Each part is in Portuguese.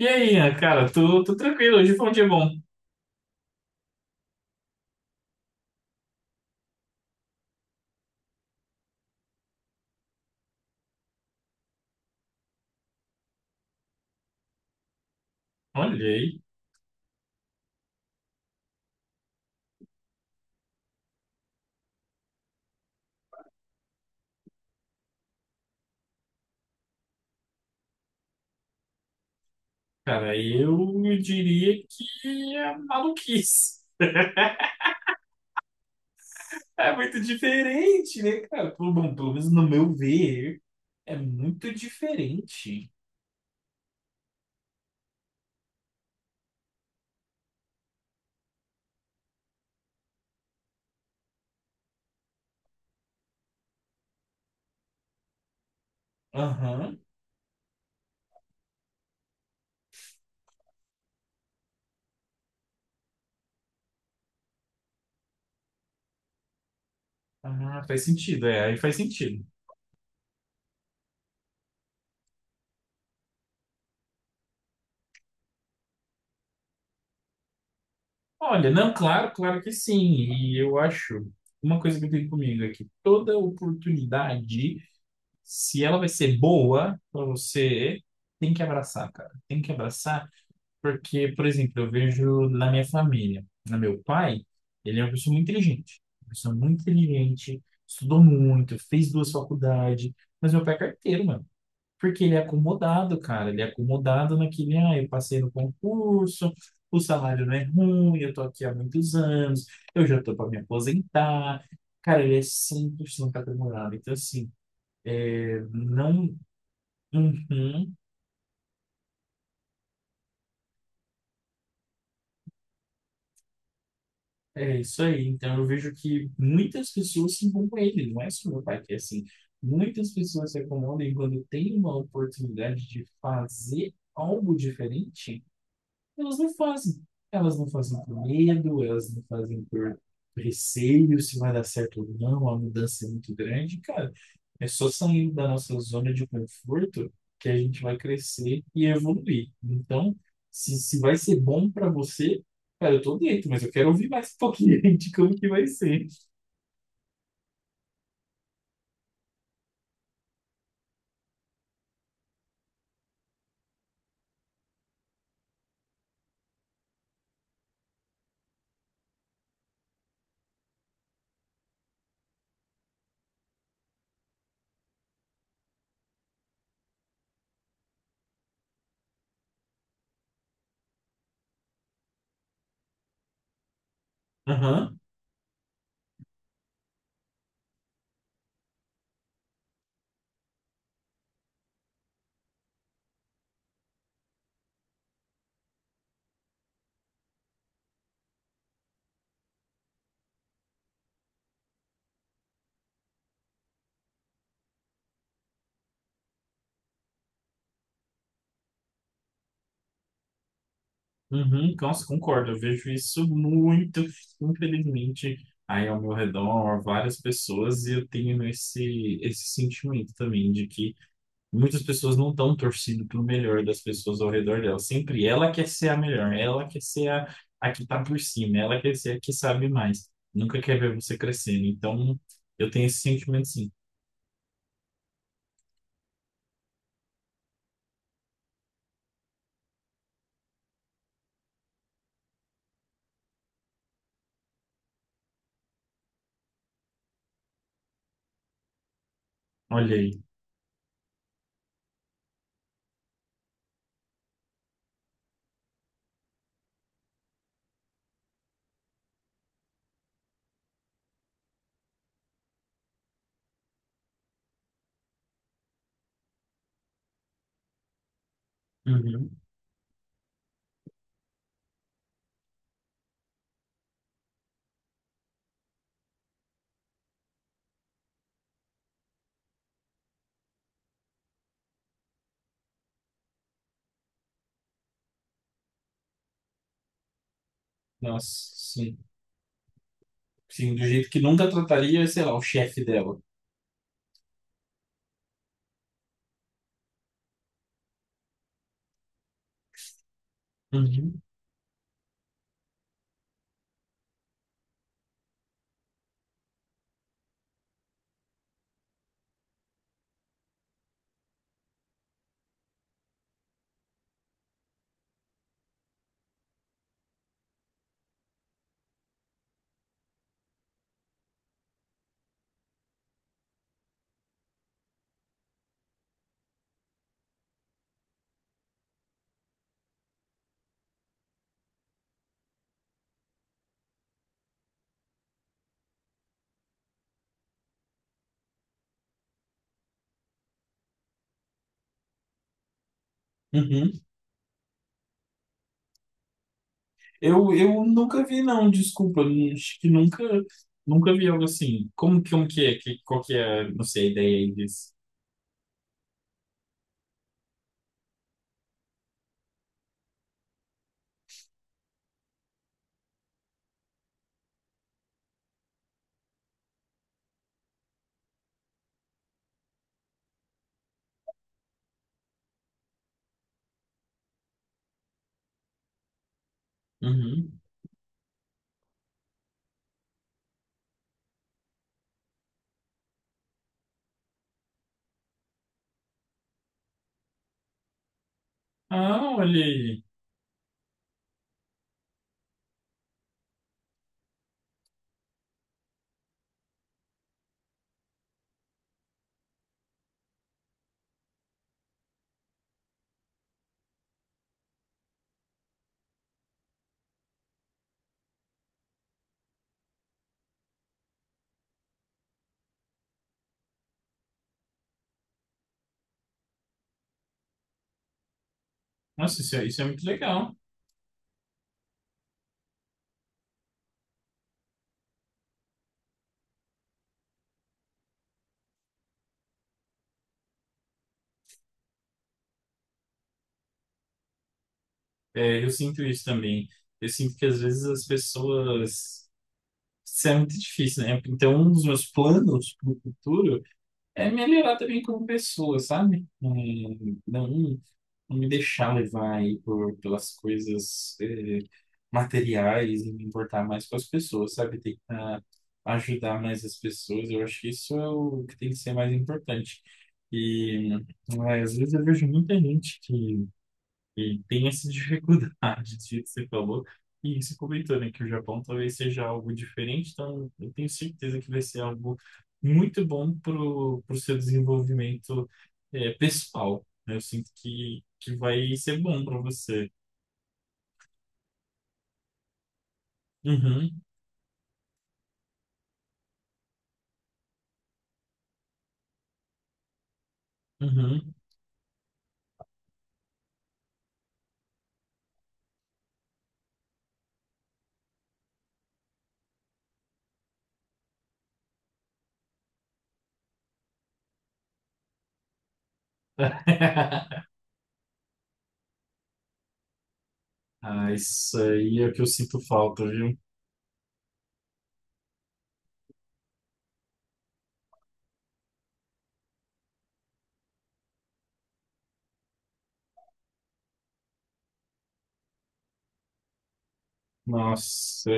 E aí, Ian, cara, tô tranquilo, hoje foi um dia bom. Olha aí, cara, eu diria que é maluquice. É muito diferente, né, cara? Bom, pelo menos no meu ver, é muito diferente. Aham. Ah, faz sentido, é, aí faz sentido. Olha, não, claro, claro que sim, e eu acho, uma coisa que eu tenho comigo é que toda oportunidade, se ela vai ser boa pra você, tem que abraçar, cara, tem que abraçar. Porque, por exemplo, eu vejo na minha família, no meu pai, ele é uma pessoa muito inteligente, uma pessoa muito inteligente, estudou muito, fez duas faculdades, mas meu pai é carteiro, mano. Porque ele é acomodado, cara, ele é acomodado naquele, ah, eu passei no concurso, o salário não é ruim, eu tô aqui há muitos anos, eu já tô para me aposentar. Cara, ele é 100% acomodado. Então, assim, é, não. Uhum. É isso aí. Então eu vejo que muitas pessoas se incomodam com ele, não é só meu pai que é assim. Muitas pessoas se incomodam e quando tem uma oportunidade de fazer algo diferente, elas não fazem. Elas não fazem por medo, elas não fazem por receio se vai dar certo ou não, a mudança é muito grande. Cara, é só saindo da nossa zona de conforto que a gente vai crescer e evoluir. Então, se vai ser bom para você, cara, eu tô dentro, mas eu quero ouvir mais um pouquinho de como que vai ser. Aham. Uhum, nossa, concordo. Eu vejo isso muito, infelizmente, aí ao meu redor, várias pessoas, e eu tenho esse sentimento também de que muitas pessoas não estão torcendo pelo melhor das pessoas ao redor dela. Sempre ela quer ser a melhor, ela quer ser a que está por cima, ela quer ser a que sabe mais. Nunca quer ver você crescendo. Então, eu tenho esse sentimento sim. Olha aí. Uhum. Nossa, sim. Sim, do jeito que nunca trataria, sei lá, o chefe dela. Uhum. Uhum. Eu nunca vi, não, desculpa, acho que nunca, nunca vi algo assim. Como, como que é? Que, qual que é, não sei, a ideia aí disso? Uhum. Ah, olha aí. Nossa, isso é muito legal. É, eu sinto isso também. Eu sinto que às vezes as pessoas... Isso é muito difícil, né? Então, um dos meus planos para o futuro é melhorar também como pessoa, sabe? É, não, não me deixar levar aí por, pelas coisas é, materiais e me importar mais com as pessoas, sabe? Tentar ajudar mais as pessoas. Eu acho que isso é o que tem que ser mais importante. E é, às vezes eu vejo muita gente que e tem essa dificuldade do jeito que você falou. E você comentou, né, que o Japão talvez seja algo diferente, então eu tenho certeza que vai ser algo muito bom para o seu desenvolvimento é, pessoal. Né? Eu sinto que vai ser bom para você. Uhum, uhum. Ah, isso aí é o que eu sinto falta, viu? Nossa.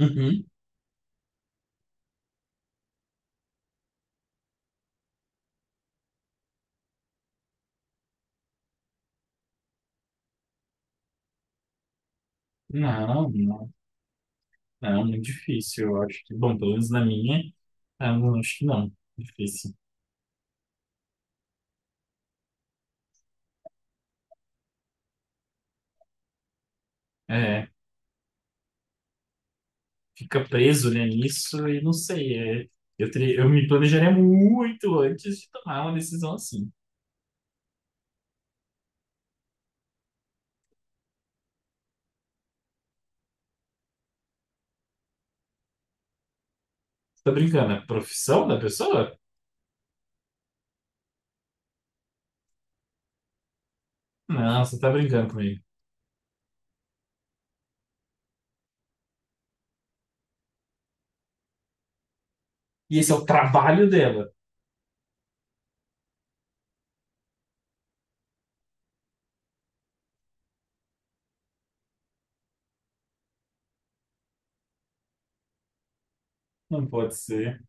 Uhum. Não, não, não, muito difícil, eu acho que, bom, pelo menos na minha, ah, não, acho que não, difícil. É, fica preso, né, nisso e não sei. É, eu, eu me planejaria muito antes de tomar uma decisão assim. Você tá brincando? É a profissão da pessoa? Não, você tá brincando comigo. E esse é o trabalho dela? Não pode ser.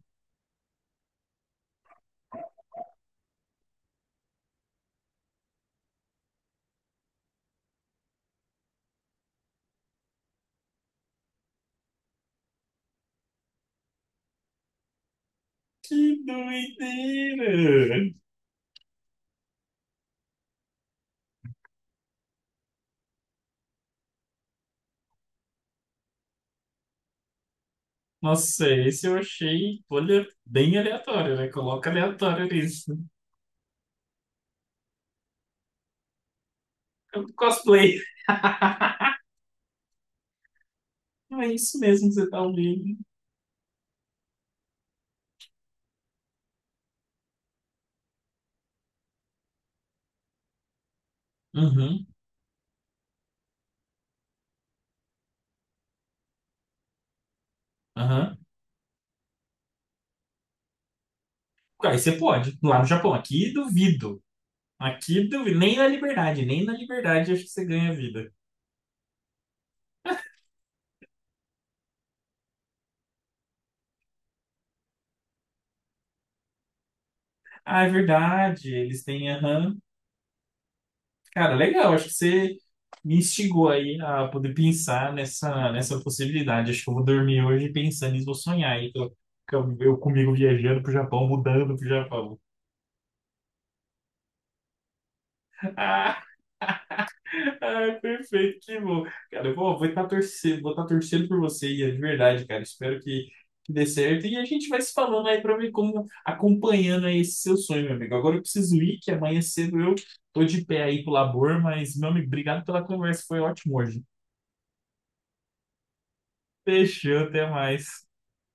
Que doideira! Nossa, esse eu achei, olha, bem aleatório, né? Coloca aleatório nisso. É um cosplay. Não é isso mesmo que você tá ouvindo. Uhum, aham. Aí você pode, lá no Japão. Aqui duvido. Aqui, nem na Liberdade, nem na Liberdade acho que você ganha vida. Ah, é verdade, eles têm, aham. Cara, legal, acho que você me instigou aí a poder pensar nessa possibilidade. Acho que eu vou dormir hoje pensando e vou sonhar aí. Eu comigo viajando pro Japão, mudando pro Japão. Ai, perfeito, que bom. Cara, eu vou estar torcendo, vou tá torcendo por você, Ian, de verdade, cara. Espero que dê certo. E a gente vai se falando aí pra ver como acompanhando aí esse seu sonho, meu amigo. Agora eu preciso ir, que amanhã cedo eu tô de pé aí pro labor, mas, meu amigo, obrigado pela conversa, foi ótimo hoje. Fechou, até mais.